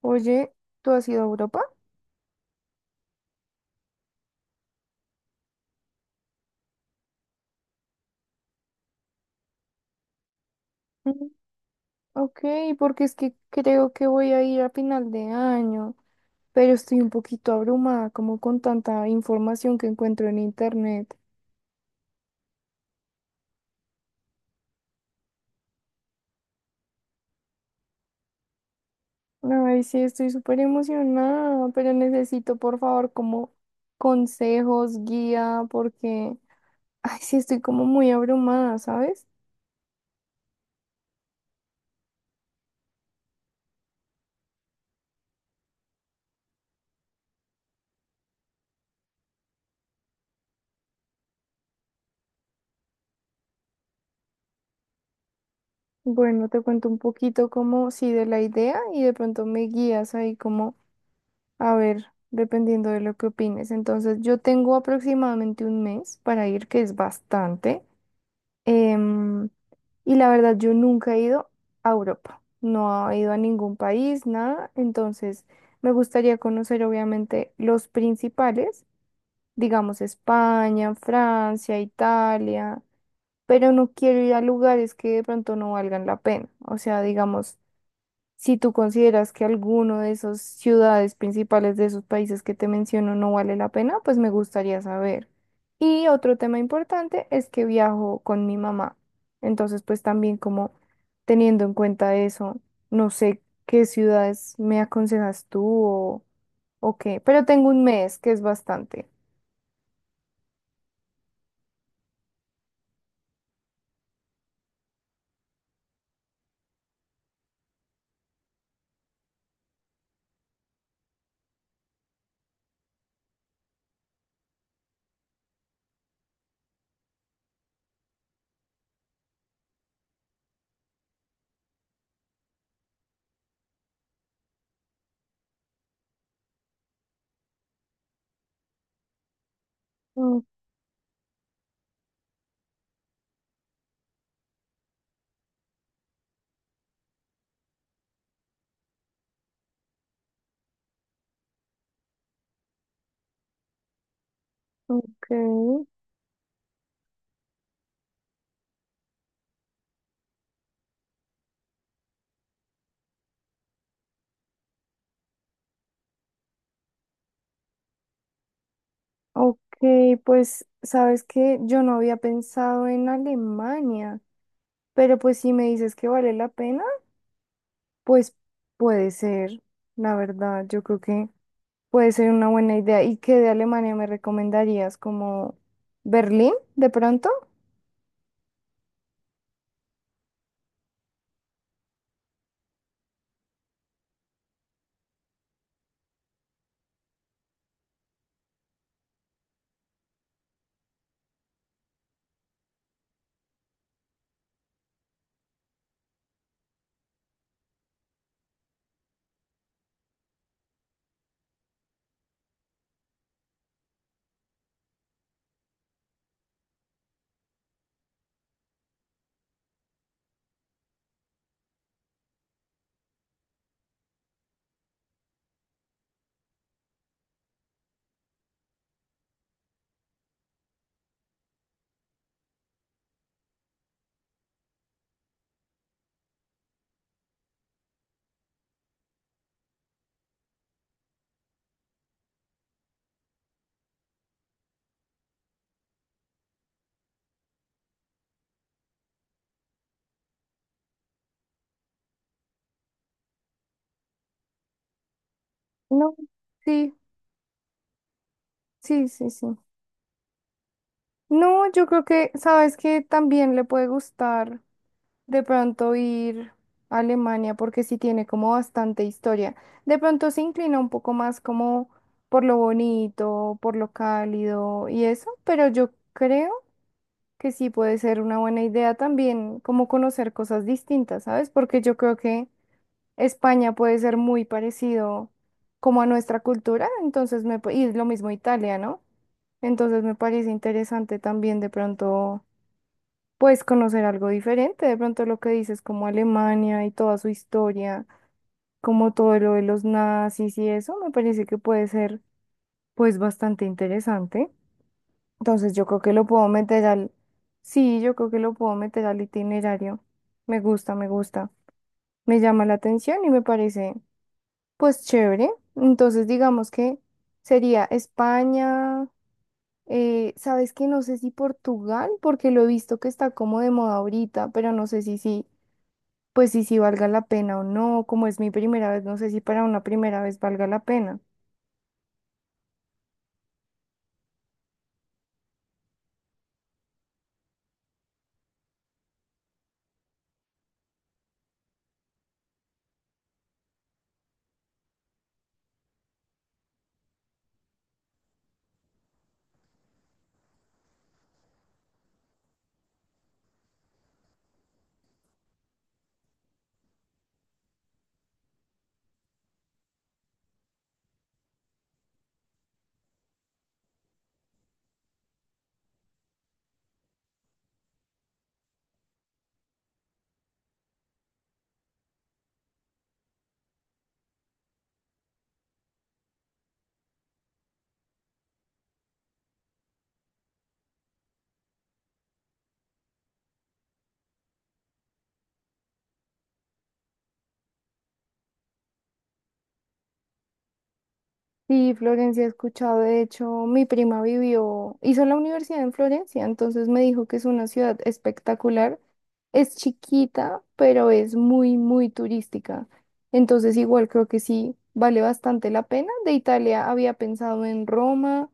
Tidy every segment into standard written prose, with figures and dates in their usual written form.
Oye, ¿tú has ido a Europa? Mm. Ok. Porque es que creo que voy a ir a final de año, pero estoy un poquito abrumada como con tanta información que encuentro en internet. Ay, sí, estoy súper emocionada, pero necesito por favor como consejos, guía, porque, ay, sí, estoy como muy abrumada, ¿sabes? Bueno, te cuento un poquito como, sí, de la idea y de pronto me guías ahí como... A ver, dependiendo de lo que opines. Entonces, yo tengo aproximadamente un mes para ir, que es bastante. Em, y la verdad, yo nunca he ido a Europa. No he ido a ningún país, nada. Entonces, me gustaría conocer, obviamente, los principales, digamos, España, Francia, Italia. Pero no quiero ir a lugares que de pronto no valgan la pena. O sea, digamos. Si tú consideras que alguno de esas ciudades principales de esos países que te menciono no vale la pena, pues me gustaría saber. Y otro tema importante es que viajo con mi mamá. Entonces, pues también como teniendo en cuenta eso, no sé qué ciudades me aconsejas tú o qué, pero tengo un mes, que es bastante. Mm. Ok. Ok, pues sabes que yo no había pensado en Alemania, pero pues si me dices que vale la pena. Pues puede ser, la verdad, yo creo que puede ser una buena idea. ¿Y qué de Alemania me recomendarías? ¿Como Berlín, de pronto? No, sí, sí, sí, sí. No, yo creo que, sabes que también le puede gustar de pronto ir a Alemania porque sí tiene como bastante historia. De pronto se inclina un poco más como por lo bonito, por lo cálido y eso, pero yo creo que sí puede ser una buena idea también, como conocer cosas distintas, ¿sabes? Porque yo creo que España puede ser muy parecido como a nuestra cultura, entonces y lo mismo Italia, ¿no? Entonces me parece interesante también de pronto, pues conocer algo diferente, de pronto lo que dices como Alemania y toda su historia, como todo lo de los nazis y eso, me parece que puede ser pues bastante interesante. Entonces yo creo que lo puedo meter al... Sí, yo creo que lo puedo meter al itinerario. Me gusta, me gusta. Me llama la atención y me parece, pues, chévere. Entonces digamos que sería España, ¿sabes qué? No sé si Portugal, porque lo he visto que está como de moda ahorita, pero no sé si sí, pues si sí valga la pena o no. Como es mi primera vez, no sé si para una primera vez valga la pena. Sí, Florencia, he escuchado. De hecho, mi prima vivió, hizo la universidad en Florencia, entonces me dijo que es una ciudad espectacular. Es chiquita, pero es muy, muy turística. Entonces, igual creo que sí, vale bastante la pena. De Italia había pensado en Roma,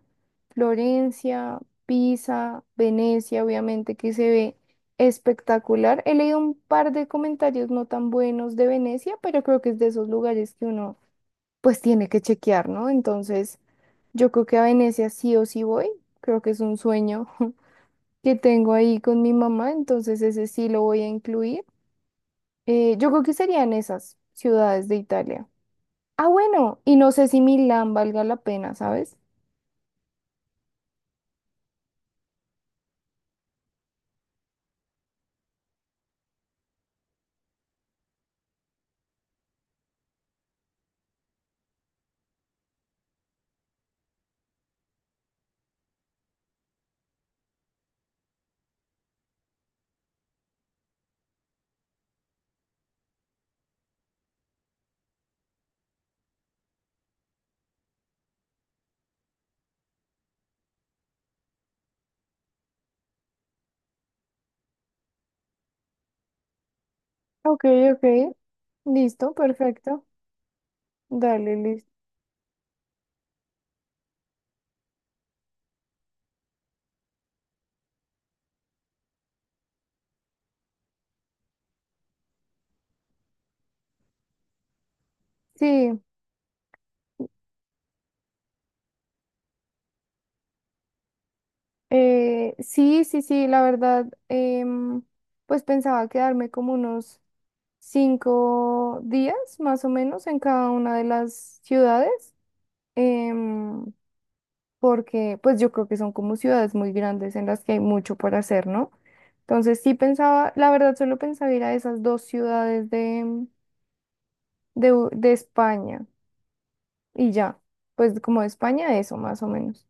Florencia, Pisa, Venecia, obviamente que se ve espectacular. He leído un par de comentarios no tan buenos de Venecia, pero creo que es de esos lugares que uno pues tiene que chequear, ¿no? Entonces, yo creo que a Venecia sí o sí voy, creo que es un sueño que tengo ahí con mi mamá, entonces ese sí lo voy a incluir. Yo creo que serían esas ciudades de Italia. Ah, bueno, y no sé si Milán valga la pena, ¿sabes? Ok, ok, listo, perfecto. Dale, listo. Sí, sí, sí, sí, la verdad, pues pensaba quedarme como unos 5 días más o menos en cada una de las ciudades, em, porque pues yo creo que son como ciudades muy grandes en las que hay mucho por hacer, ¿no? Entonces sí pensaba, la verdad solo pensaba ir a esas dos ciudades de, de España y ya, pues como de España eso más o menos.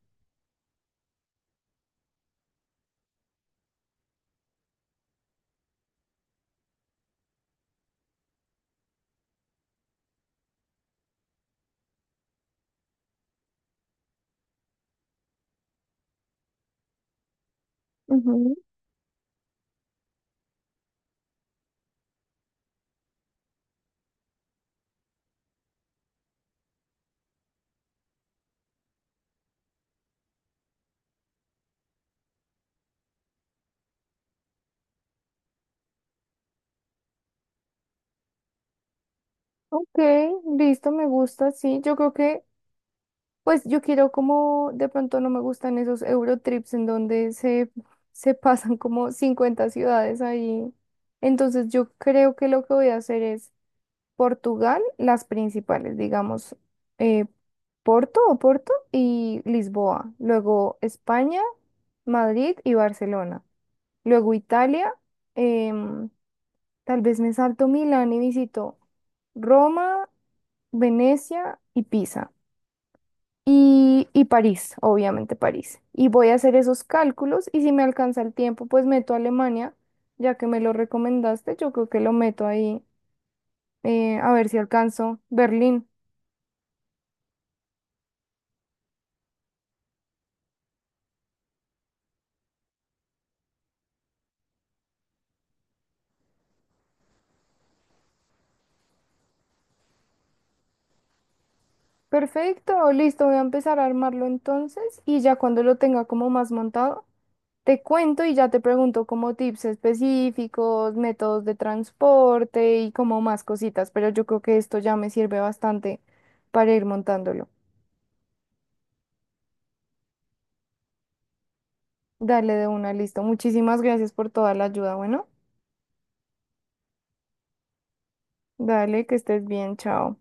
Ujú. Ok, listo, me gusta, sí, yo creo que pues yo quiero como, de pronto no me gustan esos Eurotrips en donde se pasan como 50 ciudades ahí. Entonces yo creo que lo que voy a hacer es Portugal, las principales, digamos, eh, Porto o Porto y Lisboa. Luego España, Madrid y Barcelona. Luego Italia, em, tal vez me salto Milán y visito Roma, Venecia y Pisa y París, obviamente París. Y voy a hacer esos cálculos y si me alcanza el tiempo, pues meto a Alemania, ya que me lo recomendaste, yo creo que lo meto ahí, a ver si alcanzo Berlín. Perfecto, listo, voy a empezar a armarlo entonces y ya cuando lo tenga como más montado, te cuento y ya te pregunto como tips específicos, métodos de transporte y como más cositas, pero yo creo que esto ya me sirve bastante para ir montándolo. Dale de una, listo. Muchísimas gracias por toda la ayuda. Bueno, dale, que estés bien, chao.